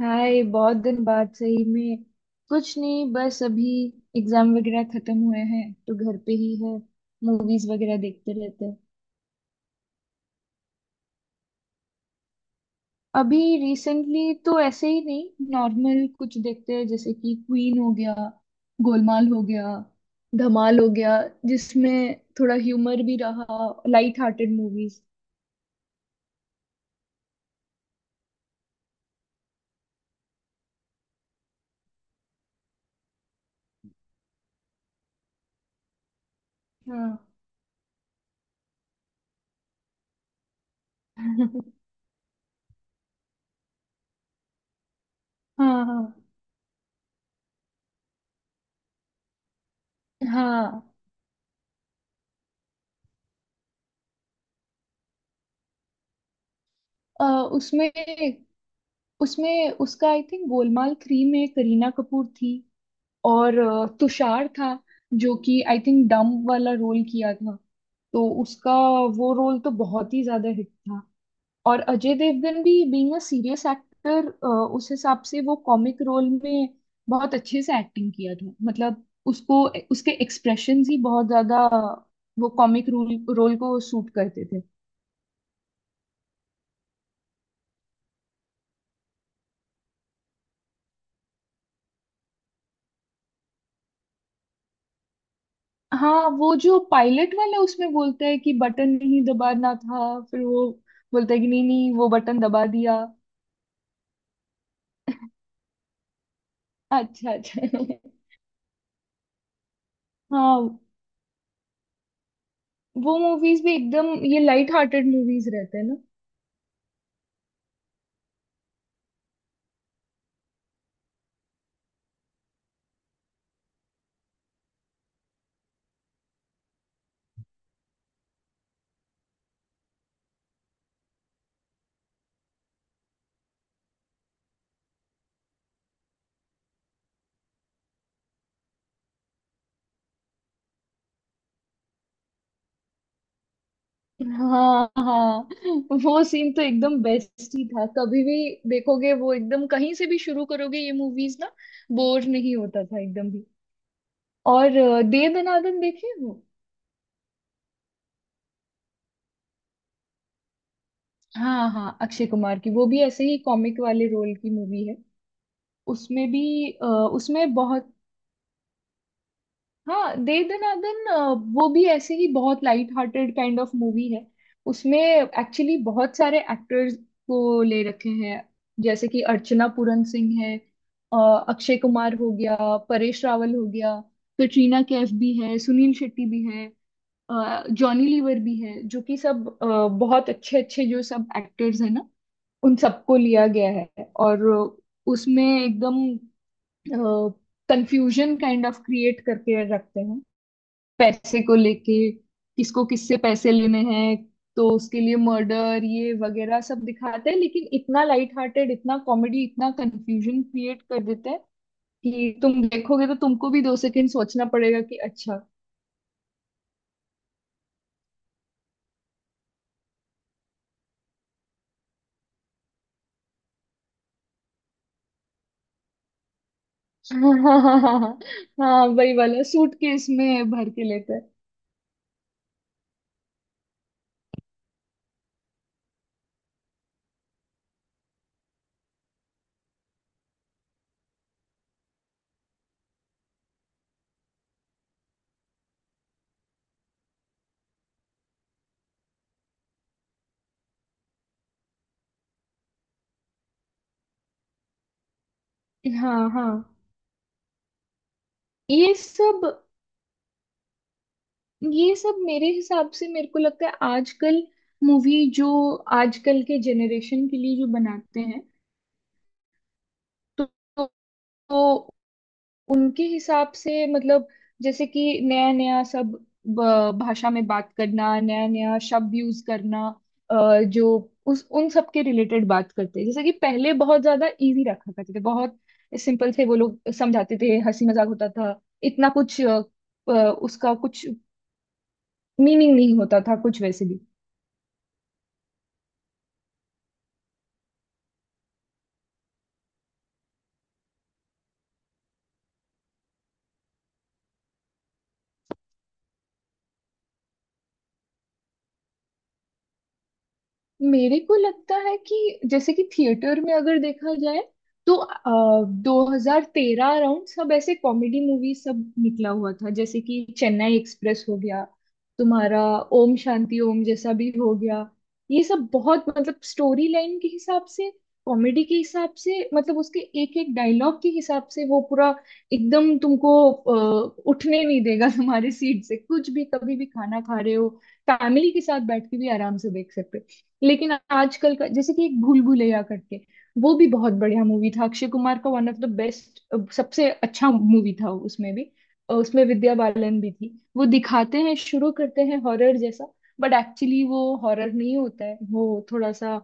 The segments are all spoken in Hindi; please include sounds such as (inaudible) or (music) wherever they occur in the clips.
हाय, बहुत दिन बाद सही में। कुछ नहीं, बस अभी एग्जाम वगैरह खत्म हुए हैं तो घर पे ही है। मूवीज वगैरह देखते रहते हैं। अभी रिसेंटली तो ऐसे ही नहीं, नॉर्मल कुछ देखते हैं जैसे कि क्वीन हो गया, गोलमाल हो गया, धमाल हो गया, जिसमें थोड़ा ह्यूमर भी रहा, लाइट हार्टेड मूवीज। हाँ। (laughs) हाँ हाँ। हाँ अ, उसमें उसमें उसका आई थिंक गोलमाल थ्री में करीना कपूर थी। और तुषार था जो कि आई थिंक डम वाला रोल किया था। तो उसका वो रोल तो बहुत ही ज्यादा हिट था। और अजय देवगन भी बीइंग अ सीरियस एक्टर, उस हिसाब से वो कॉमिक रोल में बहुत अच्छे से एक्टिंग किया था। मतलब उसको, उसके एक्सप्रेशंस ही बहुत ज्यादा वो कॉमिक रोल रोल को सूट करते थे। हाँ, वो जो पायलट वाला, उसमें बोलता है कि बटन नहीं दबाना था, फिर वो बोलता है कि नहीं नहीं वो बटन दबा दिया। अच्छा अच्छा। (laughs) हाँ, वो मूवीज भी एकदम, ये लाइट हार्टेड मूवीज रहते हैं ना। हाँ हाँ, वो सीन तो एकदम बेस्ट ही था। कभी भी देखोगे, वो एकदम कहीं से भी शुरू करोगे ये मूवीज ना, बोर नहीं होता था एकदम भी। और दे दनादन देखे हो। हाँ हाँ, अक्षय कुमार की वो भी ऐसे ही कॉमिक वाले रोल की मूवी है। उसमें भी उसमें बहुत, हाँ दे दनादन, वो भी ऐसे ही बहुत light hearted kind of movie है। उसमें एक्चुअली बहुत सारे एक्टर्स को ले रखे हैं जैसे कि अर्चना पूरन सिंह है, अक्षय कुमार हो गया, परेश रावल हो गया, कटरीना कैफ भी है, सुनील शेट्टी भी है, जॉनी लीवर भी है, जो कि सब बहुत अच्छे अच्छे जो सब एक्टर्स हैं ना, उन सबको लिया गया है। और उसमें एकदम कंफ्यूजन काइंड ऑफ क्रिएट करके रखते हैं पैसे को लेके, किसको किससे पैसे लेने हैं। तो उसके लिए मर्डर ये वगैरह सब दिखाते हैं, लेकिन इतना लाइट हार्टेड, इतना कॉमेडी, इतना कंफ्यूजन क्रिएट कर देते हैं कि तुम देखोगे तो तुमको भी दो सेकंड सोचना पड़ेगा कि अच्छा। (laughs) हाँ हाँ हाँ हाँ हाँ। हाँ, वही वाला, सूट केस में भर के लेते हैं। हाँ हाँ, ये सब ये सब मेरे हिसाब से, मेरे को लगता है आजकल मूवी जो आजकल के जेनरेशन के लिए जो बनाते हैं, तो तो उनके हिसाब से, मतलब जैसे कि नया नया सब ब- भाषा में बात करना, नया नया शब्द यूज करना, जो उस उन सब के रिलेटेड बात करते हैं। जैसे कि पहले बहुत ज्यादा इजी रखा करते थे, बहुत सिंपल थे, वो लोग समझाते थे, हंसी मजाक होता था, इतना कुछ उसका कुछ मीनिंग नहीं होता था कुछ वैसे भी। मेरे को लगता है कि जैसे कि थिएटर में अगर देखा जाए, तो 2013 अराउंड सब ऐसे कॉमेडी मूवी सब निकला हुआ था। जैसे कि चेन्नई एक्सप्रेस हो गया तुम्हारा, ओम शांति ओम जैसा भी हो गया। ये सब बहुत, मतलब स्टोरी लाइन के हिसाब से, कॉमेडी के हिसाब से, मतलब उसके एक एक डायलॉग के हिसाब से वो पूरा एकदम तुमको उठने नहीं देगा तुम्हारे सीट से। कुछ भी कभी भी खाना खा रहे हो, फैमिली के साथ बैठ के भी आराम से देख सकते हो। लेकिन आजकल का जैसे कि एक भूल भुलैया करके, वो भी बहुत बढ़िया मूवी था, अक्षय कुमार का वन ऑफ द बेस्ट, सबसे अच्छा मूवी था। उसमें भी उसमें विद्या बालन भी थी, वो दिखाते हैं, शुरू करते हैं हॉरर जैसा, बट एक्चुअली वो हॉरर नहीं होता है, वो थोड़ा सा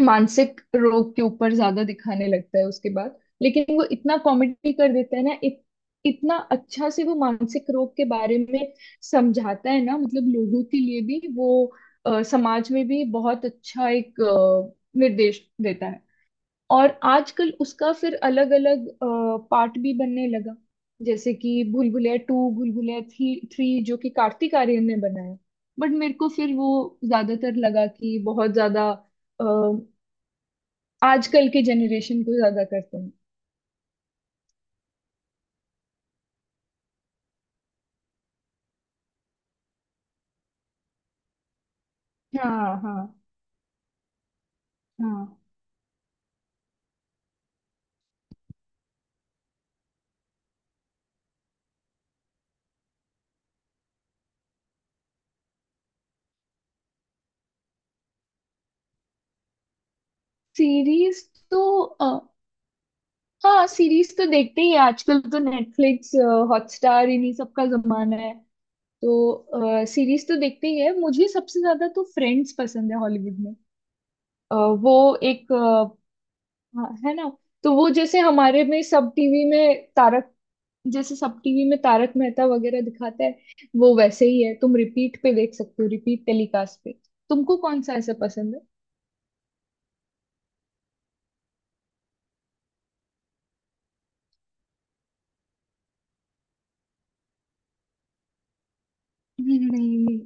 मानसिक रोग के ऊपर ज्यादा दिखाने लगता है उसके बाद। लेकिन वो इतना कॉमेडी कर देता है ना, इतना अच्छा से वो मानसिक रोग के बारे में समझाता है ना, मतलब लोगों के लिए भी वो समाज में भी बहुत अच्छा एक निर्देश देता है। और आजकल उसका फिर अलग अलग पार्ट भी बनने लगा जैसे कि भूल भुलैया टू, भूल भुलैया थ्री, जो कि कार्तिक आर्यन ने बनाया। बट मेरे को फिर वो ज्यादातर लगा कि बहुत ज्यादा आजकल के जनरेशन को ज्यादा करते हैं। हाँ हाँ। हाँ सीरीज तो अ, हाँ सीरीज तो देखते ही हैं। आजकल तो नेटफ्लिक्स, हॉटस्टार इन्हीं सब का जमाना है, तो सीरीज तो देखते ही है। मुझे सबसे ज्यादा तो फ्रेंड्स पसंद है हॉलीवुड में। अ, वो एक हाँ, है ना। तो वो जैसे हमारे में सब टीवी में तारक जैसे सब टीवी में तारक मेहता वगैरह दिखाता है, वो वैसे ही है। तुम रिपीट पे देख सकते हो, रिपीट टेलीकास्ट पे। तुमको कौन सा ऐसा पसंद है? नहीं नहीं।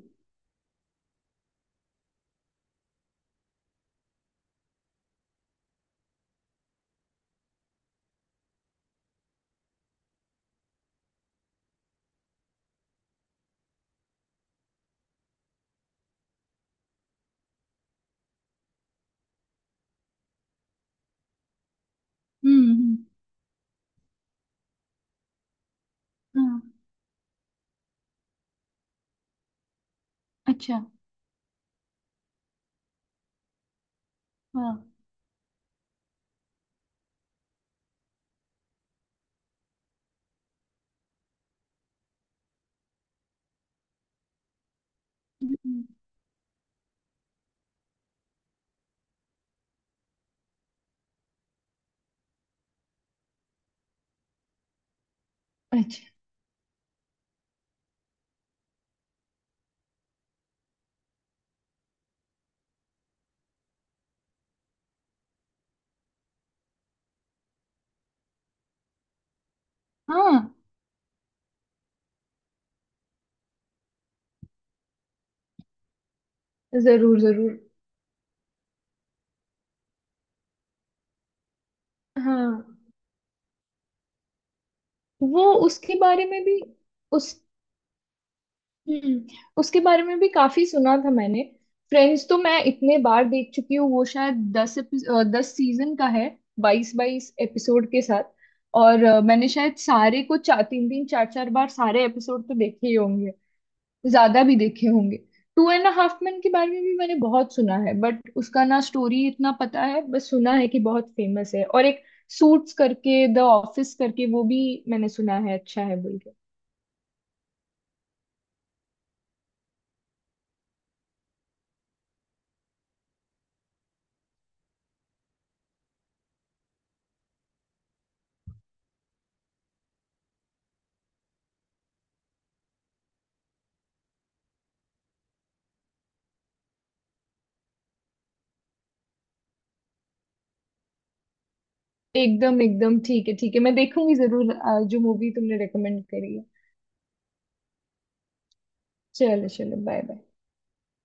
हम्म। हाँ। अच्छा हाँ। हम्म। अच्छा हाँ। जरूर जरूर। हाँ, वो उसके बारे में भी, उस हम्म, उसके बारे में भी काफी सुना था मैंने। फ्रेंड्स तो मैं इतने बार देख चुकी हूँ, वो शायद दस 10 सीजन का है, 22, 22 एपिसोड के साथ। और मैंने शायद सारे को चार तीन तीन चार चार बार सारे एपिसोड तो देखे ही होंगे, ज्यादा भी देखे होंगे। टू एंड हाफ मैन के बारे में भी मैंने बहुत सुना है, बट उसका ना स्टोरी इतना पता है, बस सुना है कि बहुत फेमस है। और एक सूट्स करके, द ऑफिस करके, वो भी मैंने सुना है अच्छा है बोल के। एकदम एकदम, ठीक है ठीक है, मैं देखूंगी जरूर जो मूवी तुमने रेकमेंड करी है। चलो चलो, बाय बाय।